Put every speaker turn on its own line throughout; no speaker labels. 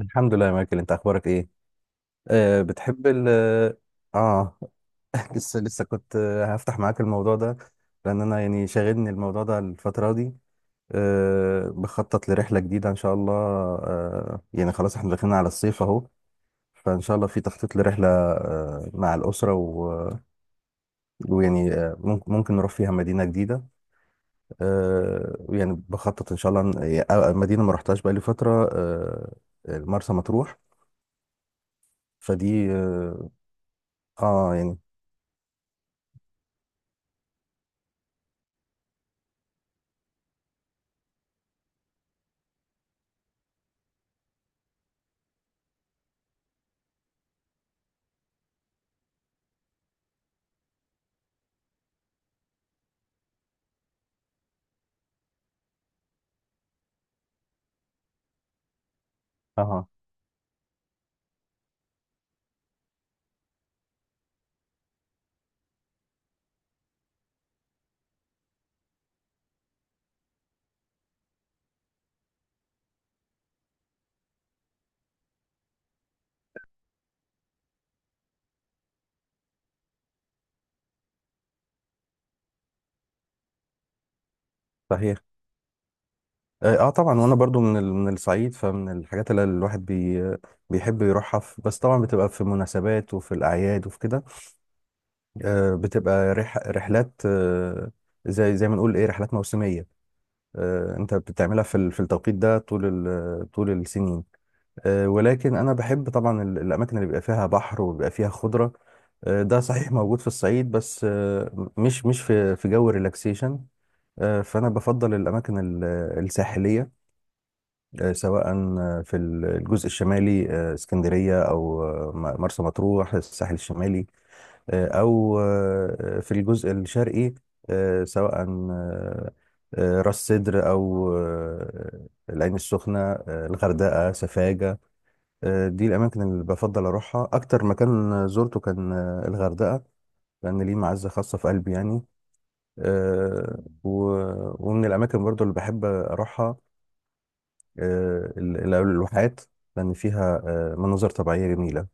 الحمد لله يا مايكل، انت اخبارك ايه؟ بتحب ال اه لسه كنت هفتح معاك الموضوع ده، لان انا يعني شاغلني الموضوع ده الفتره دي. أه، بخطط لرحله جديده ان شاء الله. أه يعني خلاص احنا داخلين على الصيف اهو، فان شاء الله في تخطيط لرحله، أه، مع الاسره ويعني آه، ممكن نروح فيها مدينه جديده. أه يعني بخطط ان شاء الله، مدينه ما رحتهاش بقالي فتره، أه، مرسى مطروح. فدي يعني. اه. صحيح. طبعا، وانا برضو من من الصعيد، فمن الحاجات اللي الواحد بيحب يروحها في، بس طبعا بتبقى في مناسبات وفي الاعياد وفي كده. بتبقى رحلات، زي ما نقول ايه، رحلات موسميه. انت بتعملها في في التوقيت ده طول طول السنين. ولكن انا بحب طبعا الاماكن اللي بيبقى فيها بحر وبيبقى فيها خضره. ده صحيح موجود في الصعيد، بس مش في جو ريلاكسيشن. فانا بفضل الاماكن الساحليه. سواء في الجزء الشمالي، اسكندرية، أو مرسى مطروح، الساحل الشمالي. أو في الجزء الشرقي. آه، سواء آه، آه، راس سدر، أو العين السخنة، الغردقة، سفاجة. دي الأماكن اللي بفضل أروحها. أكتر مكان زرته كان الغردقة، لأن ليه معزة خاصة في قلبي يعني. ومن الأماكن برضو اللي بحب أروحها، الواحات، لأن فيها مناظر طبيعية جميلة.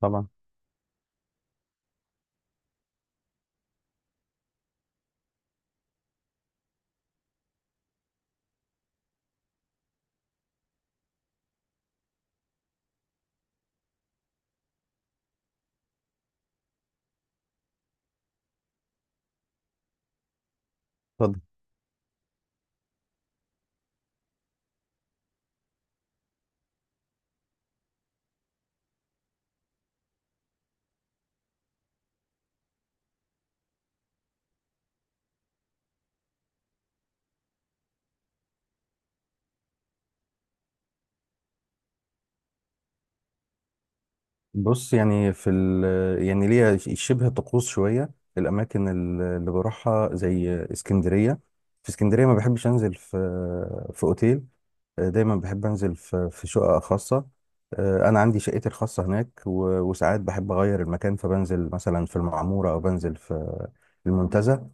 طبعا. اتفضل. بص يعني في ال يعني ليها شبه طقوس شوية. الأماكن اللي بروحها زي اسكندرية، في اسكندرية ما بحبش أنزل في أوتيل. دايما بحب أنزل في شقة خاصة. أنا عندي شقتي الخاصة هناك، وساعات بحب أغير المكان، فبنزل مثلا في المعمورة أو بنزل في المنتزه.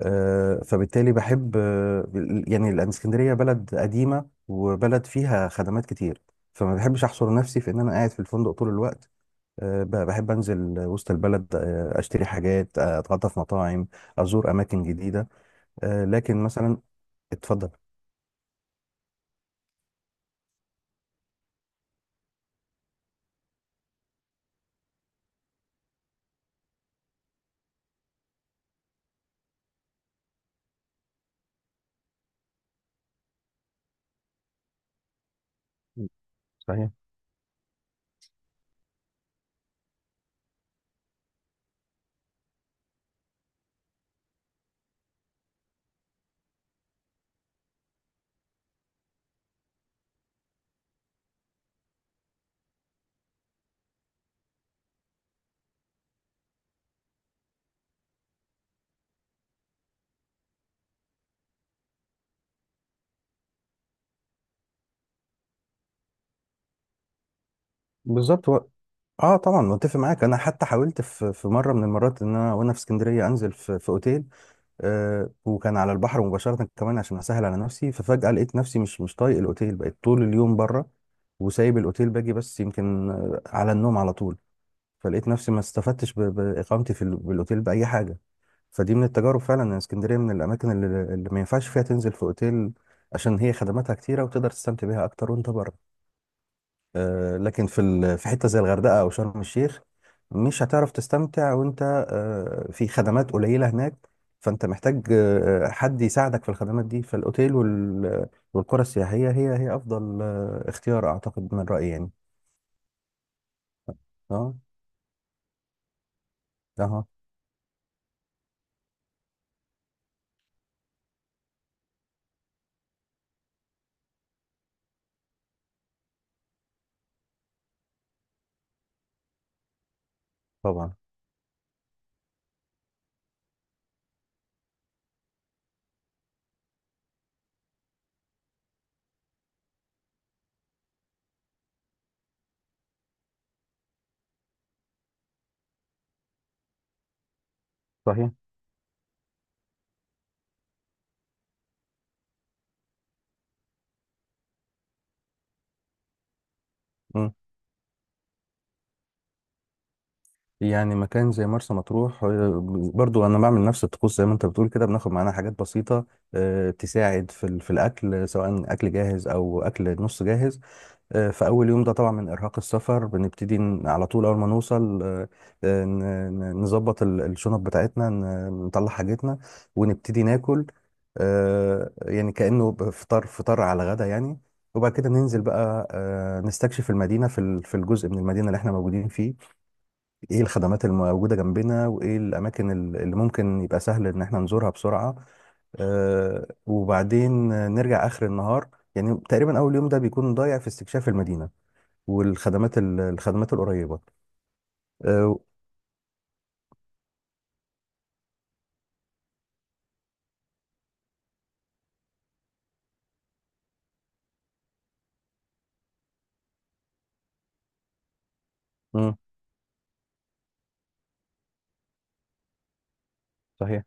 فبالتالي بحب، يعني لأن اسكندرية بلد قديمة وبلد فيها خدمات كتير، فما بحبش أحصر نفسي في إن أنا قاعد في الفندق طول الوقت. بحب أنزل وسط البلد، أشتري حاجات، أتغدى في مطاعم، أزور أماكن جديدة. لكن مثلا... اتفضل. صحيح. بالظبط. اه طبعا، متفق معاك. انا حتى حاولت في مره من المرات ان انا وانا في اسكندريه انزل في اوتيل، وكان على البحر مباشرة كمان عشان أسهل على نفسي، ففجأة لقيت نفسي مش طايق الأوتيل، بقيت طول اليوم بره وسايب الأوتيل، باجي بس يمكن على النوم على طول. فلقيت نفسي ما استفدتش بإقامتي في بالأوتيل بأي حاجة. فدي من التجارب فعلا، إن اسكندرية من الأماكن اللي ما ينفعش فيها تنزل في أوتيل، عشان هي خدماتها كتيرة وتقدر تستمتع بيها أكتر وأنت بره. لكن في في حته زي الغردقه او شرم الشيخ، مش هتعرف تستمتع وانت في خدمات قليله هناك. فانت محتاج حد يساعدك في الخدمات دي، فالاوتيل والقرى السياحيه هي افضل اختيار، اعتقد من رايي يعني. اه. اه طبعا. صحيح. مم. يعني مكان زي مرسى مطروح، برضو انا بعمل نفس الطقوس زي ما انت بتقول كده، بناخد معانا حاجات بسيطه تساعد في في الاكل، سواء اكل جاهز او اكل نص جاهز. في أول يوم ده طبعا، من إرهاق السفر، بنبتدي على طول أول ما نوصل، آه، ن- نظبط الشنط بتاعتنا، نطلع حاجتنا ونبتدي ناكل. يعني كأنه فطار على غدا يعني. وبعد كده ننزل بقى نستكشف المدينة، في في الجزء من المدينة اللي احنا موجودين فيه، ايه الخدمات الموجودة جنبنا، وايه الأماكن اللي ممكن يبقى سهل إن احنا نزورها بسرعة. وبعدين نرجع آخر النهار. يعني تقريبا أول يوم ده بيكون ضايع في استكشاف المدينة والخدمات الخدمات القريبه. آه، مم، صحيح.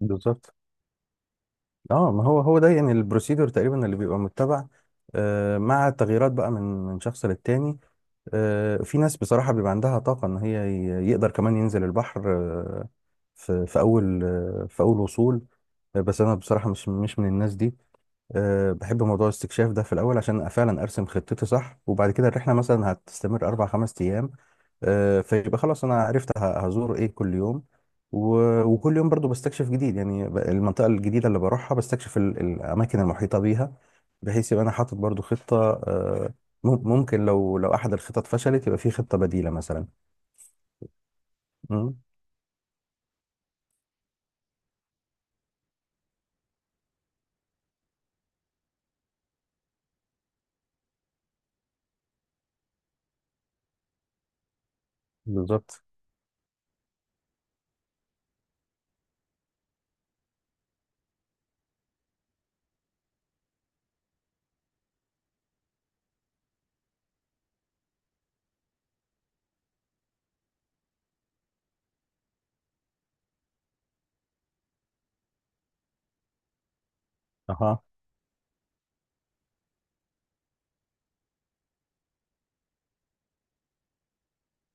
بالظبط. اه ما هو هو ده يعني البروسيدور تقريبا اللي بيبقى متبع، مع تغييرات بقى من شخص للتاني. في ناس بصراحه بيبقى عندها طاقه ان هي يقدر كمان ينزل البحر، في اول آه، في اول وصول. بس انا بصراحه مش من الناس دي. أه بحب موضوع الاستكشاف ده في الأول عشان فعلا أرسم خطتي صح، وبعد كده الرحلة مثلا هتستمر أربع خمس أيام. أه فيبقى خلاص أنا عرفت هزور إيه كل يوم، وكل يوم برضو بستكشف جديد يعني، المنطقة الجديدة اللي بروحها بستكشف الأماكن المحيطة بيها، بحيث يبقى أنا حاطط برضو خطة. أه ممكن لو أحد الخطط فشلت يبقى في خطة بديلة مثلا. مم، بالظبط. أها.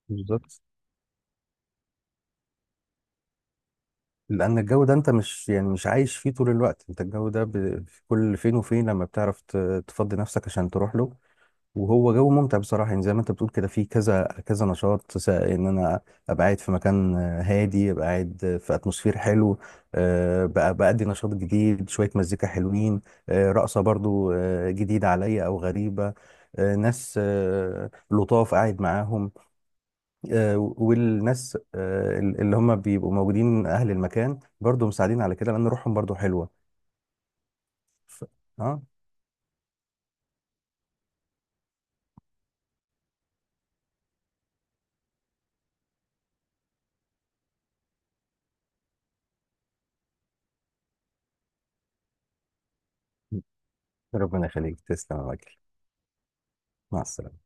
بالظبط، لأن الجو ده أنت مش يعني مش عايش فيه طول الوقت، أنت الجو ده في كل فين وفين لما بتعرف تفضي نفسك عشان تروح له. وهو جو ممتع بصراحة، يعني زي ما أنت بتقول كده، فيه كذا كذا نشاط، سواء إن أنا أبقى قاعد في مكان هادي، أبقى قاعد في أتموسفير حلو، بقى بأدي نشاط جديد، شوية مزيكا حلوين، رقصة برضو جديدة عليا أو غريبة، ناس لطاف قاعد معاهم. والناس اللي هم بيبقوا موجودين اهل المكان برضو مساعدين على كده، لان روحهم برضو حلوه. ف... اه. ربنا يخليك، تسلم يا مايكل. مع السلامه.